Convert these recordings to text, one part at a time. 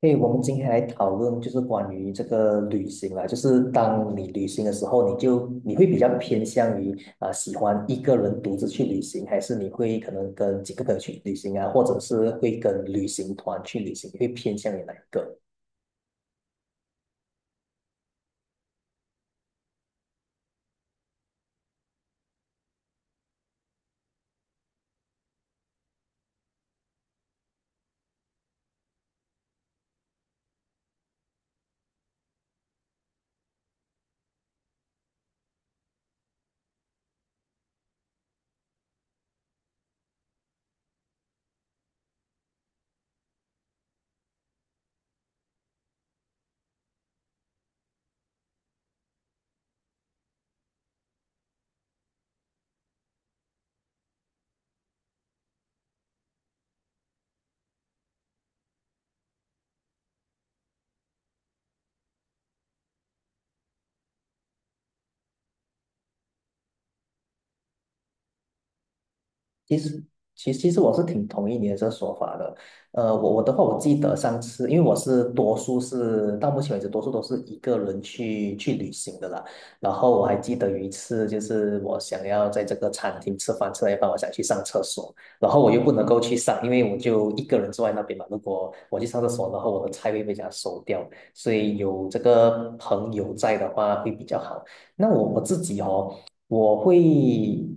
对，我们今天来讨论就是关于这个旅行啦，就是当你旅行的时候，你会比较偏向于啊、喜欢一个人独自去旅行，还是你会可能跟几个朋友去旅行啊，或者是会跟旅行团去旅行，你会偏向于哪一个？其实，其实我是挺同意你的这个说法的。我的话，我记得上次，因为我是多数是到目前为止，多数都是一个人去旅行的啦。然后我还记得有一次，就是我想要在这个餐厅吃饭，吃到一半，我想去上厕所，然后我又不能够去上，因为我就一个人坐在那边嘛。如果我去上厕所，然后我的菜会被人家收掉，所以有这个朋友在的话会比较好。那我自己哦。我会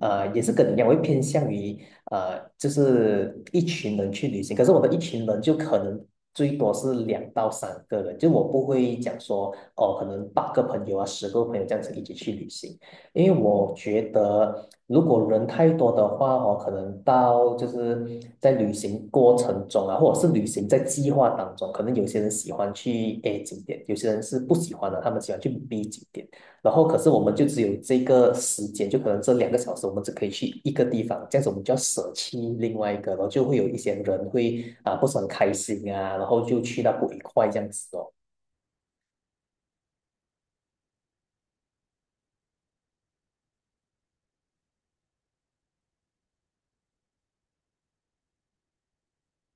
也是跟你一样我会偏向于就是一群人去旅行，可是我的一群人就可能最多是2到3个人，就我不会讲说哦，可能八个朋友啊，10个朋友这样子一起去旅行，因为我觉得如果人太多的话哦，可能到就是在旅行过程中啊，或者是旅行在计划当中，可能有些人喜欢去 A 景点，有些人是不喜欢的，他们喜欢去 B 景点。然后可是我们就只有这个时间，就可能这2个小时，我们只可以去一个地方，这样子我们就要舍弃另外一个，然后就会有一些人会啊、不是很开心啊，然后就去到不愉快这样子哦。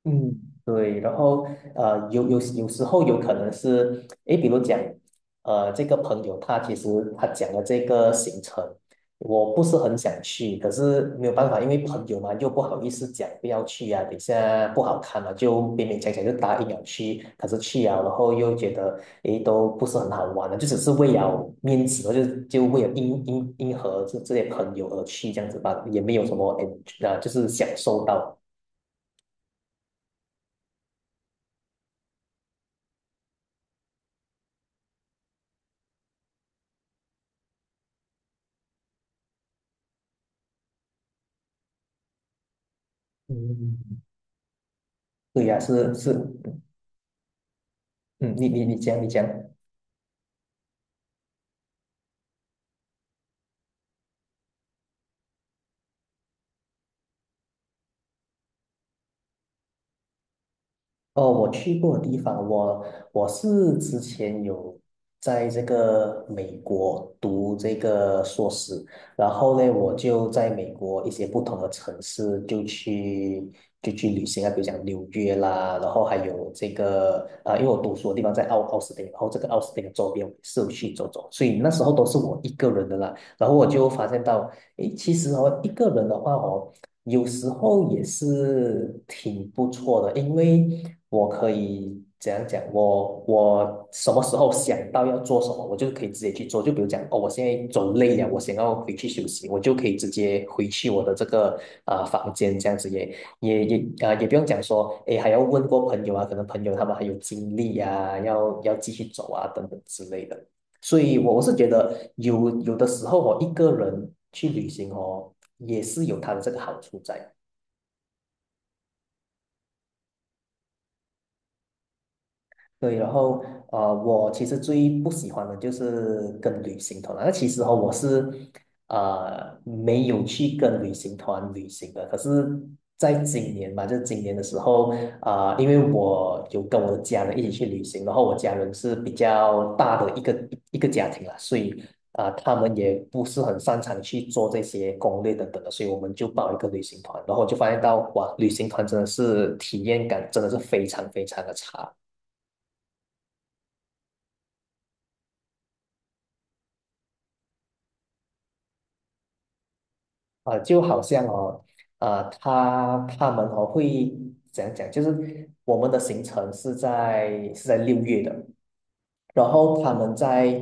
嗯，对，然后有时候有可能是，诶，比如讲，这个朋友他其实他讲的这个行程，我不是很想去，可是没有办法，因为朋友嘛，又不好意思讲不要去啊，等一下不好看了，就勉勉强强就答应了去，可是去啊，然后又觉得，诶，都不是很好玩的，就只是为了面子，然后就为了迎合这些朋友而去，这样子吧，也没有什么，诶，啊，就是享受到。嗯，对呀、是是，嗯，你讲，哦，我去过的地方，我是之前有在这个美国读这个硕士，然后呢，我就在美国一些不同的城市就去旅行啊，比如讲纽约啦，然后还有这个啊、因为我读书的地方在奥斯汀，然后这个奥斯汀的周边我也是有去走走，所以那时候都是我一个人的啦，然后我就发现到，诶，其实哦，一个人的话哦。有时候也是挺不错的，因为我可以怎样讲？我什么时候想到要做什么，我就可以直接去做。就比如讲，哦，我现在走累了，我想要回去休息，我就可以直接回去我的这个房间，这样子也也不用讲说，哎，还要问过朋友啊，可能朋友他们还有精力啊，要继续走啊等等之类的。所以，我是觉得有的时候我哦一个人去旅行哦，也是有它的这个好处在。对，然后我其实最不喜欢的就是跟旅行团了。那其实哦，我是没有去跟旅行团旅行的，可是在今年吧，就是今年的时候，啊、因为我有跟我的家人一起去旅行，然后我家人是比较大的一个家庭啦，所以啊、他们也不是很擅长去做这些攻略等等的，所以我们就报一个旅行团，然后就发现到哇，旅行团真的是体验感真的是非常非常的差。就好像哦，他们哦会怎样讲？就是我们的行程是在6月的，然后他们在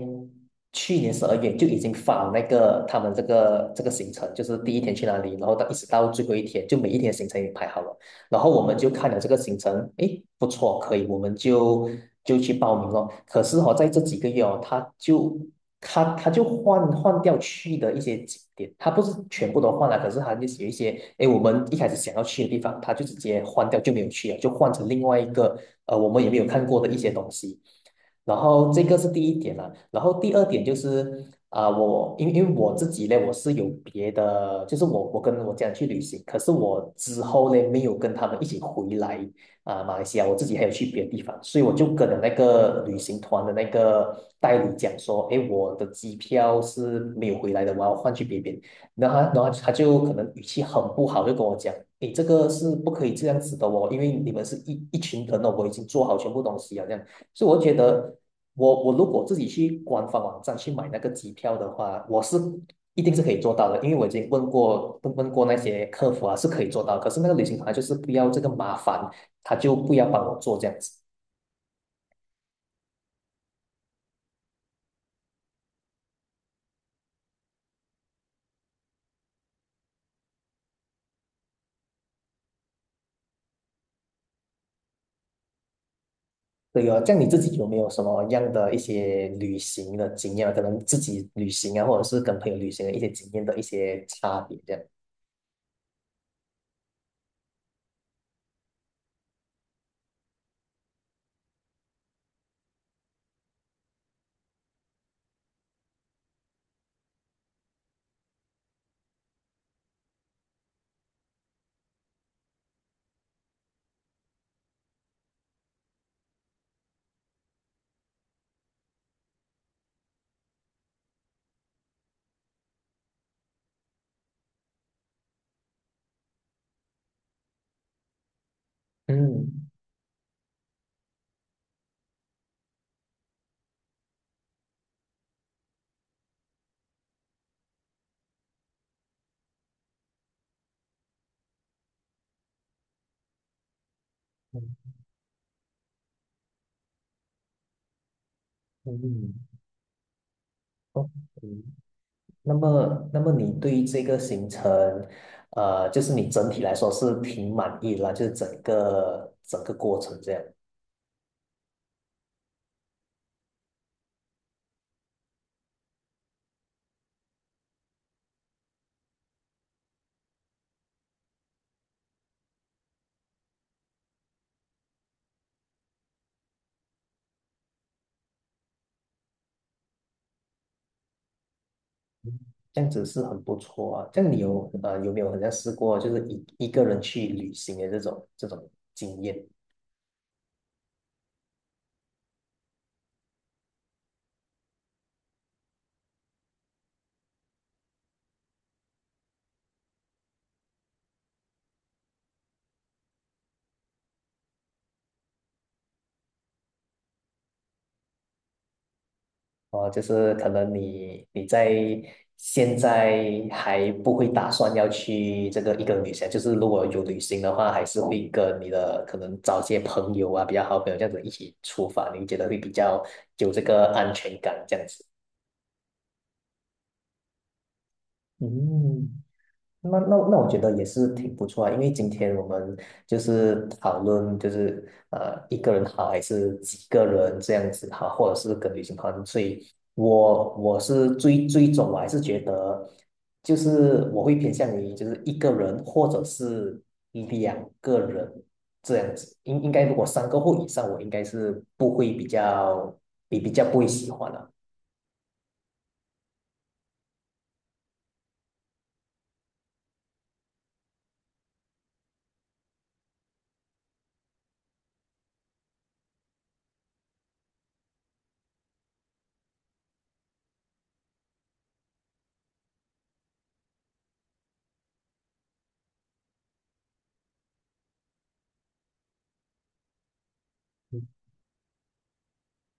去年12月就已经发那个他们这个行程，就是第一天去哪里，然后到一直到最后一天，就每一天行程也排好了。然后我们就看了这个行程，诶，不错，可以，我们就去报名了。可是哦，在这几个月哦，他就换掉去的一些景点，他不是全部都换了，可是他就是有一些，诶，我们一开始想要去的地方，他就直接换掉，就没有去了，就换成另外一个我们也没有看过的一些东西。然后这个是第一点啦，然后第二点就是啊、我因为我自己呢，我是有别的，就是我跟我家人去旅行，可是我之后呢没有跟他们一起回来啊、马来西亚，我自己还有去别的地方，所以我就跟了那个旅行团的那个代理讲说，诶，我的机票是没有回来的，我要换去别边。然后他就可能语气很不好，就跟我讲：“你这个是不可以这样子的哦，因为你们是一群人哦，我已经做好全部东西了，这样所以我觉得我如果自己去官方网站去买那个机票的话，我是一定是可以做到的，因为我已经问过那些客服啊，是可以做到。可是那个旅行团啊就是不要这个麻烦，他就不要帮我做这样子。对哦，这样你自己有没有什么样的一些旅行的经验啊？可能自己旅行啊，或者是跟朋友旅行的一些经验的一些差别，这样。嗯嗯嗯，OK。那么，那么你对这个行程，就是你整体来说是挺满意啦，就是整个过程这样，嗯这样子是很不错啊。这样你有有没有好像试过就是一个人去旅行的这种经验？哦，就是可能你在现在还不会打算要去这个一个旅行，就是如果有旅行的话，还是会跟你的可能找些朋友啊，比较好朋友这样子一起出发，你觉得会比较有这个安全感这样子。嗯。那我觉得也是挺不错啊，因为今天我们就是讨论，就是一个人好还是几个人这样子好，或者是跟旅行团，所以我是最终我还是觉得，就是我会偏向于就是一个人或者是2个人这样子，应该如果三个或以上，我应该是不会比较不会喜欢了。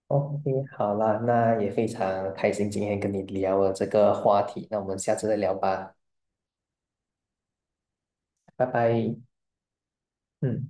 OK，好啦，那也非常开心今天跟你聊了这个话题，那我们下次再聊吧，拜拜。嗯。